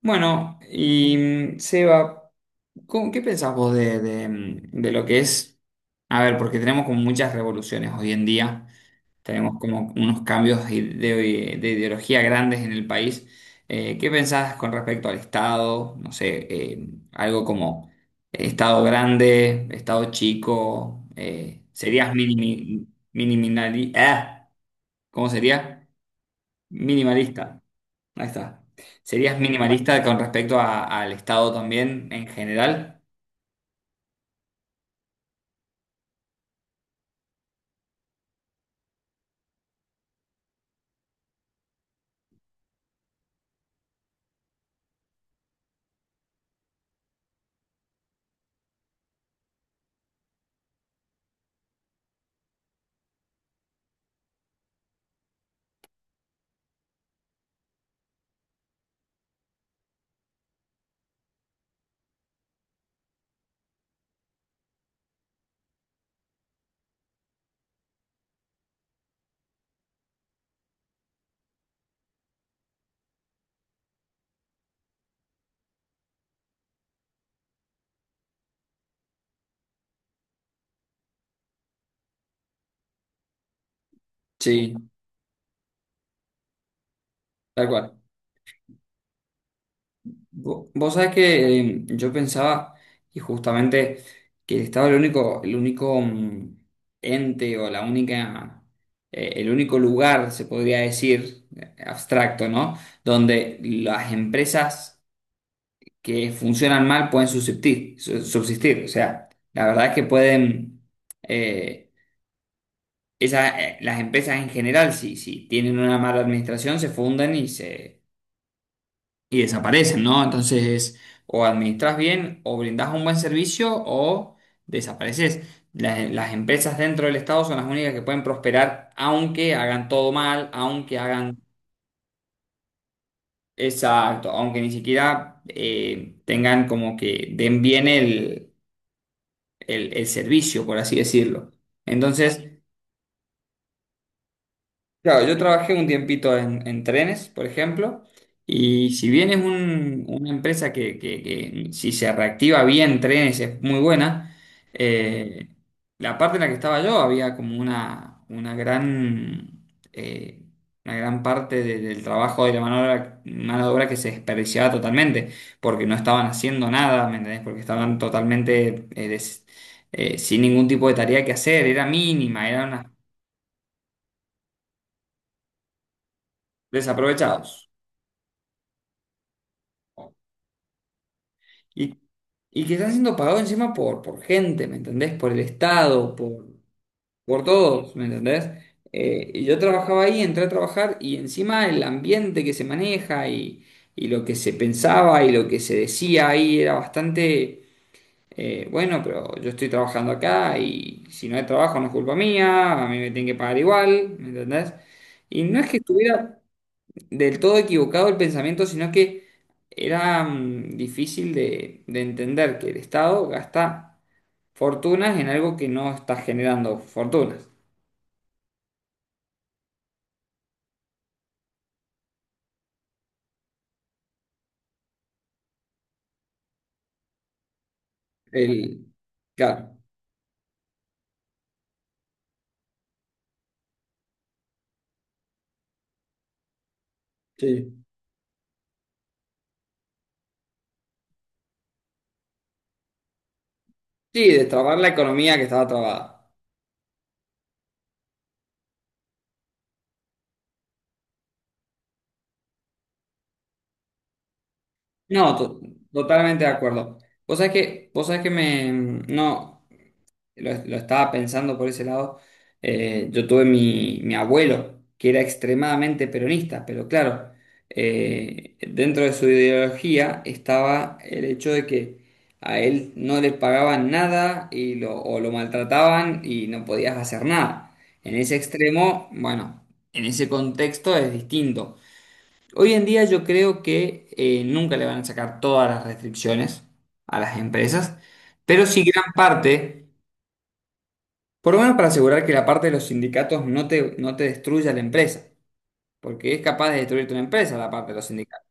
Bueno, y Seba, ¿Qué pensás vos de, de lo que es? A ver, porque tenemos como muchas revoluciones hoy en día, tenemos como unos cambios de, de ideología grandes en el país. ¿Qué pensás con respecto al Estado? No sé, algo como Estado grande, Estado chico, ¿serías minimi, miniminali- ah, ¿Cómo sería? Minimalista. Ahí está. ¿Serías minimalista con respecto al Estado también en general? Sí, tal cual. Vos sabés que yo pensaba, y justamente, que el Estado es el único ente o el único lugar, se podría decir, abstracto, ¿no? Donde las empresas que funcionan mal pueden subsistir, subsistir. O sea, la verdad es que pueden. eh, las empresas en general, si tienen una mala administración, se funden y desaparecen, ¿no? Entonces, o administras bien, o brindás un buen servicio, o desapareces. Las empresas dentro del Estado son las únicas que pueden prosperar, aunque hagan todo mal, aunque hagan. Exacto. Aunque ni siquiera tengan como que den bien el servicio, por así decirlo. Entonces, Claro, yo trabajé un tiempito en trenes, por ejemplo, y si bien es una empresa que si se reactiva bien trenes es muy buena. eh, la parte en la que estaba yo había como eh, una gran parte del trabajo de la mano de obra que se desperdiciaba totalmente, porque no estaban haciendo nada, ¿me entendés? Porque estaban totalmente sin ningún tipo de tarea que hacer, era mínima, desaprovechados. Y, y que están siendo pagados encima por gente, ¿me entendés? Por el Estado, por todos, ¿me entendés? Y yo trabajaba ahí, entré a trabajar y encima el ambiente que se maneja y lo que se pensaba y lo que se decía ahí era bastante, bueno, pero yo estoy trabajando acá y si no hay trabajo no es culpa mía, a mí me tienen que pagar igual, ¿me entendés? Y no es que estuviera del todo equivocado el pensamiento, sino que era difícil de entender que el Estado gasta fortunas en algo que no está generando fortunas. El, claro. Sí. Sí, destrabar la economía que estaba trabada. No, totalmente de acuerdo. Vos sabés que me, mm, no, lo estaba pensando por ese lado. Yo tuve mi abuelo, que era extremadamente peronista, pero claro, dentro de su ideología estaba el hecho de que a él no le pagaban nada y o lo maltrataban y no podías hacer nada. En ese extremo, bueno, en ese contexto es distinto. Hoy en día yo creo que nunca le van a sacar todas las restricciones a las empresas, pero sí gran parte, por lo menos para asegurar que la parte de los sindicatos no te destruya la empresa, porque es capaz de destruirte una empresa la parte de los sindicatos.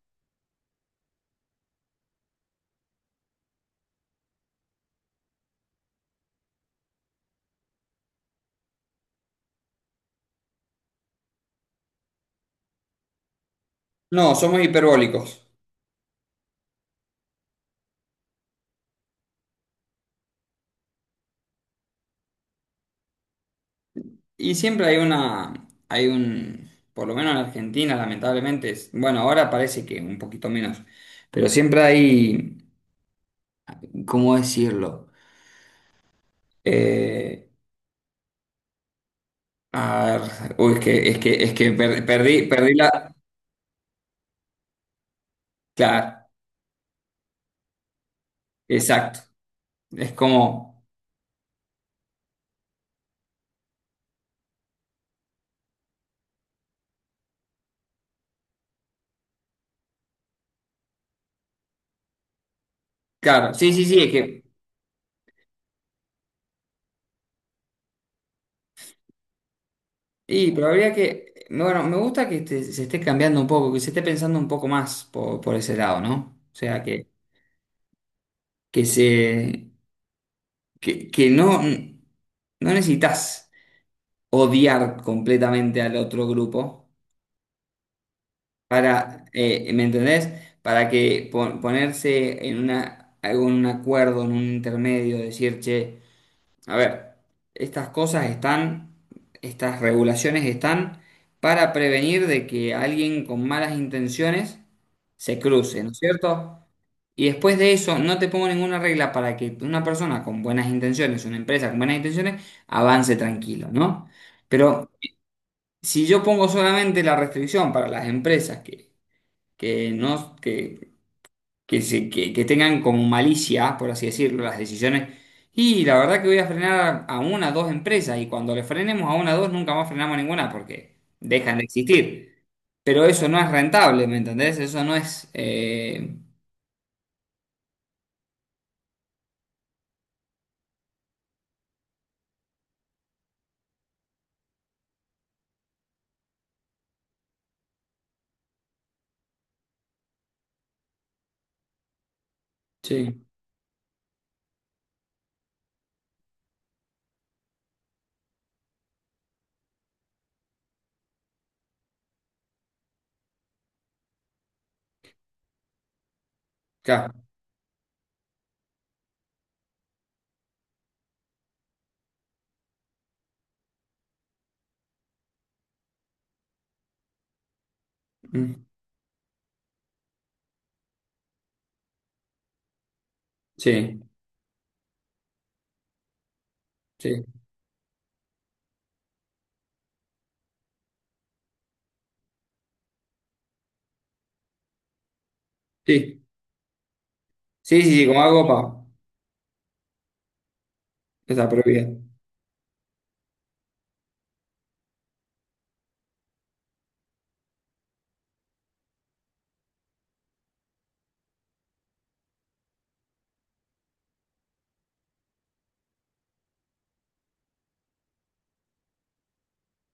No, somos hiperbólicos. Y siempre hay una, hay un, por lo menos en Argentina, lamentablemente, bueno, ahora parece que un poquito menos, pero siempre hay, ¿cómo decirlo? Eh, a ver, uy, es que perdí la. Claro, exacto. Es como, claro, sí, sí, sí, es que. Pero habría que, bueno, me gusta que se esté cambiando un poco, que se esté pensando un poco más por ese lado, ¿no? O sea, que se, que no necesitas odiar completamente al otro grupo para, ¿me entendés? Para ponerse en algún acuerdo, en un intermedio, decir, che, a ver, estas cosas están, estas regulaciones están para prevenir de que alguien con malas intenciones se cruce, ¿no es cierto? Y después de eso, no te pongo ninguna regla para que una persona con buenas intenciones, una empresa con buenas intenciones, avance tranquilo, ¿no? Pero si yo pongo solamente la restricción para las empresas que no, que, se- que tengan como malicia, por así decirlo, las decisiones. Y la verdad que voy a frenar a una o dos empresas y cuando le frenemos a una o dos nunca más frenamos ninguna porque dejan de existir. Pero eso no es rentable, ¿me entendés? Eso no es... Sí, claro. Mm, sí, sí, sí. Sí, sí, sí, como algo para... Está prohibido.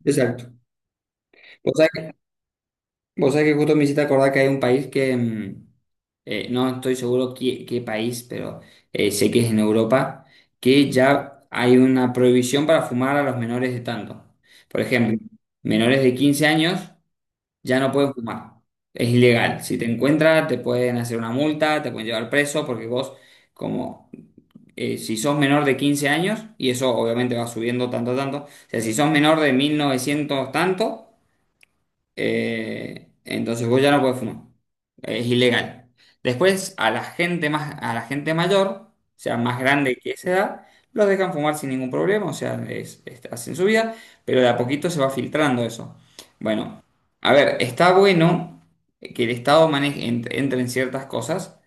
Exacto. O sea, vos sabés que justo me hiciste acordar que hay un país no estoy seguro qué, qué país, pero sé que es en Europa, que ya hay una prohibición para fumar a los menores de tanto. Por ejemplo, menores de 15 años ya no pueden fumar. Es ilegal. Si te encuentran, te pueden hacer una multa, te pueden llevar preso, porque vos, como si sos menor de 15 años, y eso obviamente va subiendo tanto, tanto, o sea, si sos menor de 1900 tanto, entonces vos ya no puedes fumar. Es ilegal. Después, a la gente más, a la gente mayor, o sea, más grande que esa edad, los dejan fumar sin ningún problema, o sea, hacen su vida, pero de a poquito se va filtrando eso. Bueno, a ver, está bueno que el Estado maneje, entre en ciertas cosas,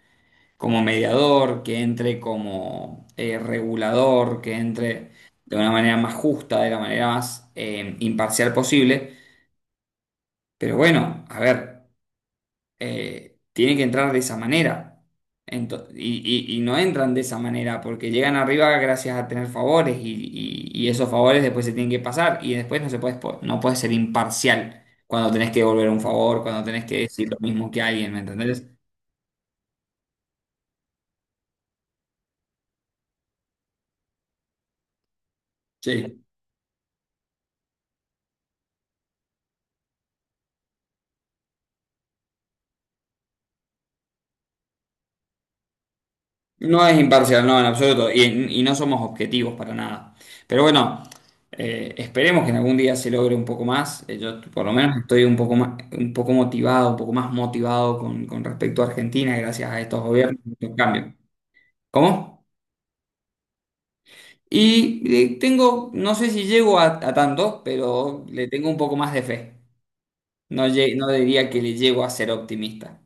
como mediador, que entre como regulador, que entre de una manera más justa, de la manera más imparcial posible. Pero bueno, a ver, tiene que entrar de esa manera. Ento- y, y no entran de esa manera porque llegan arriba gracias a tener favores y esos favores después se tienen que pasar y después no puedes ser imparcial cuando tenés que devolver un favor, cuando tenés que decir lo mismo que alguien, ¿me entendés? Sí. No es imparcial, no, en absoluto. Y no somos objetivos para nada. Pero bueno, esperemos que en algún día se logre un poco más. Yo por lo menos estoy un poco más motivado con respecto a Argentina, gracias a estos gobiernos, estos cambios. ¿Cómo? Y tengo, no sé si llego a tanto, pero le tengo un poco más de fe. No, no diría que le llego a ser optimista.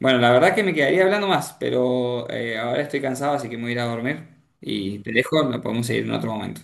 Bueno, la verdad que me quedaría hablando más, pero ahora estoy cansado, así que me voy a ir a dormir. Y te dejo, lo podemos seguir en otro momento.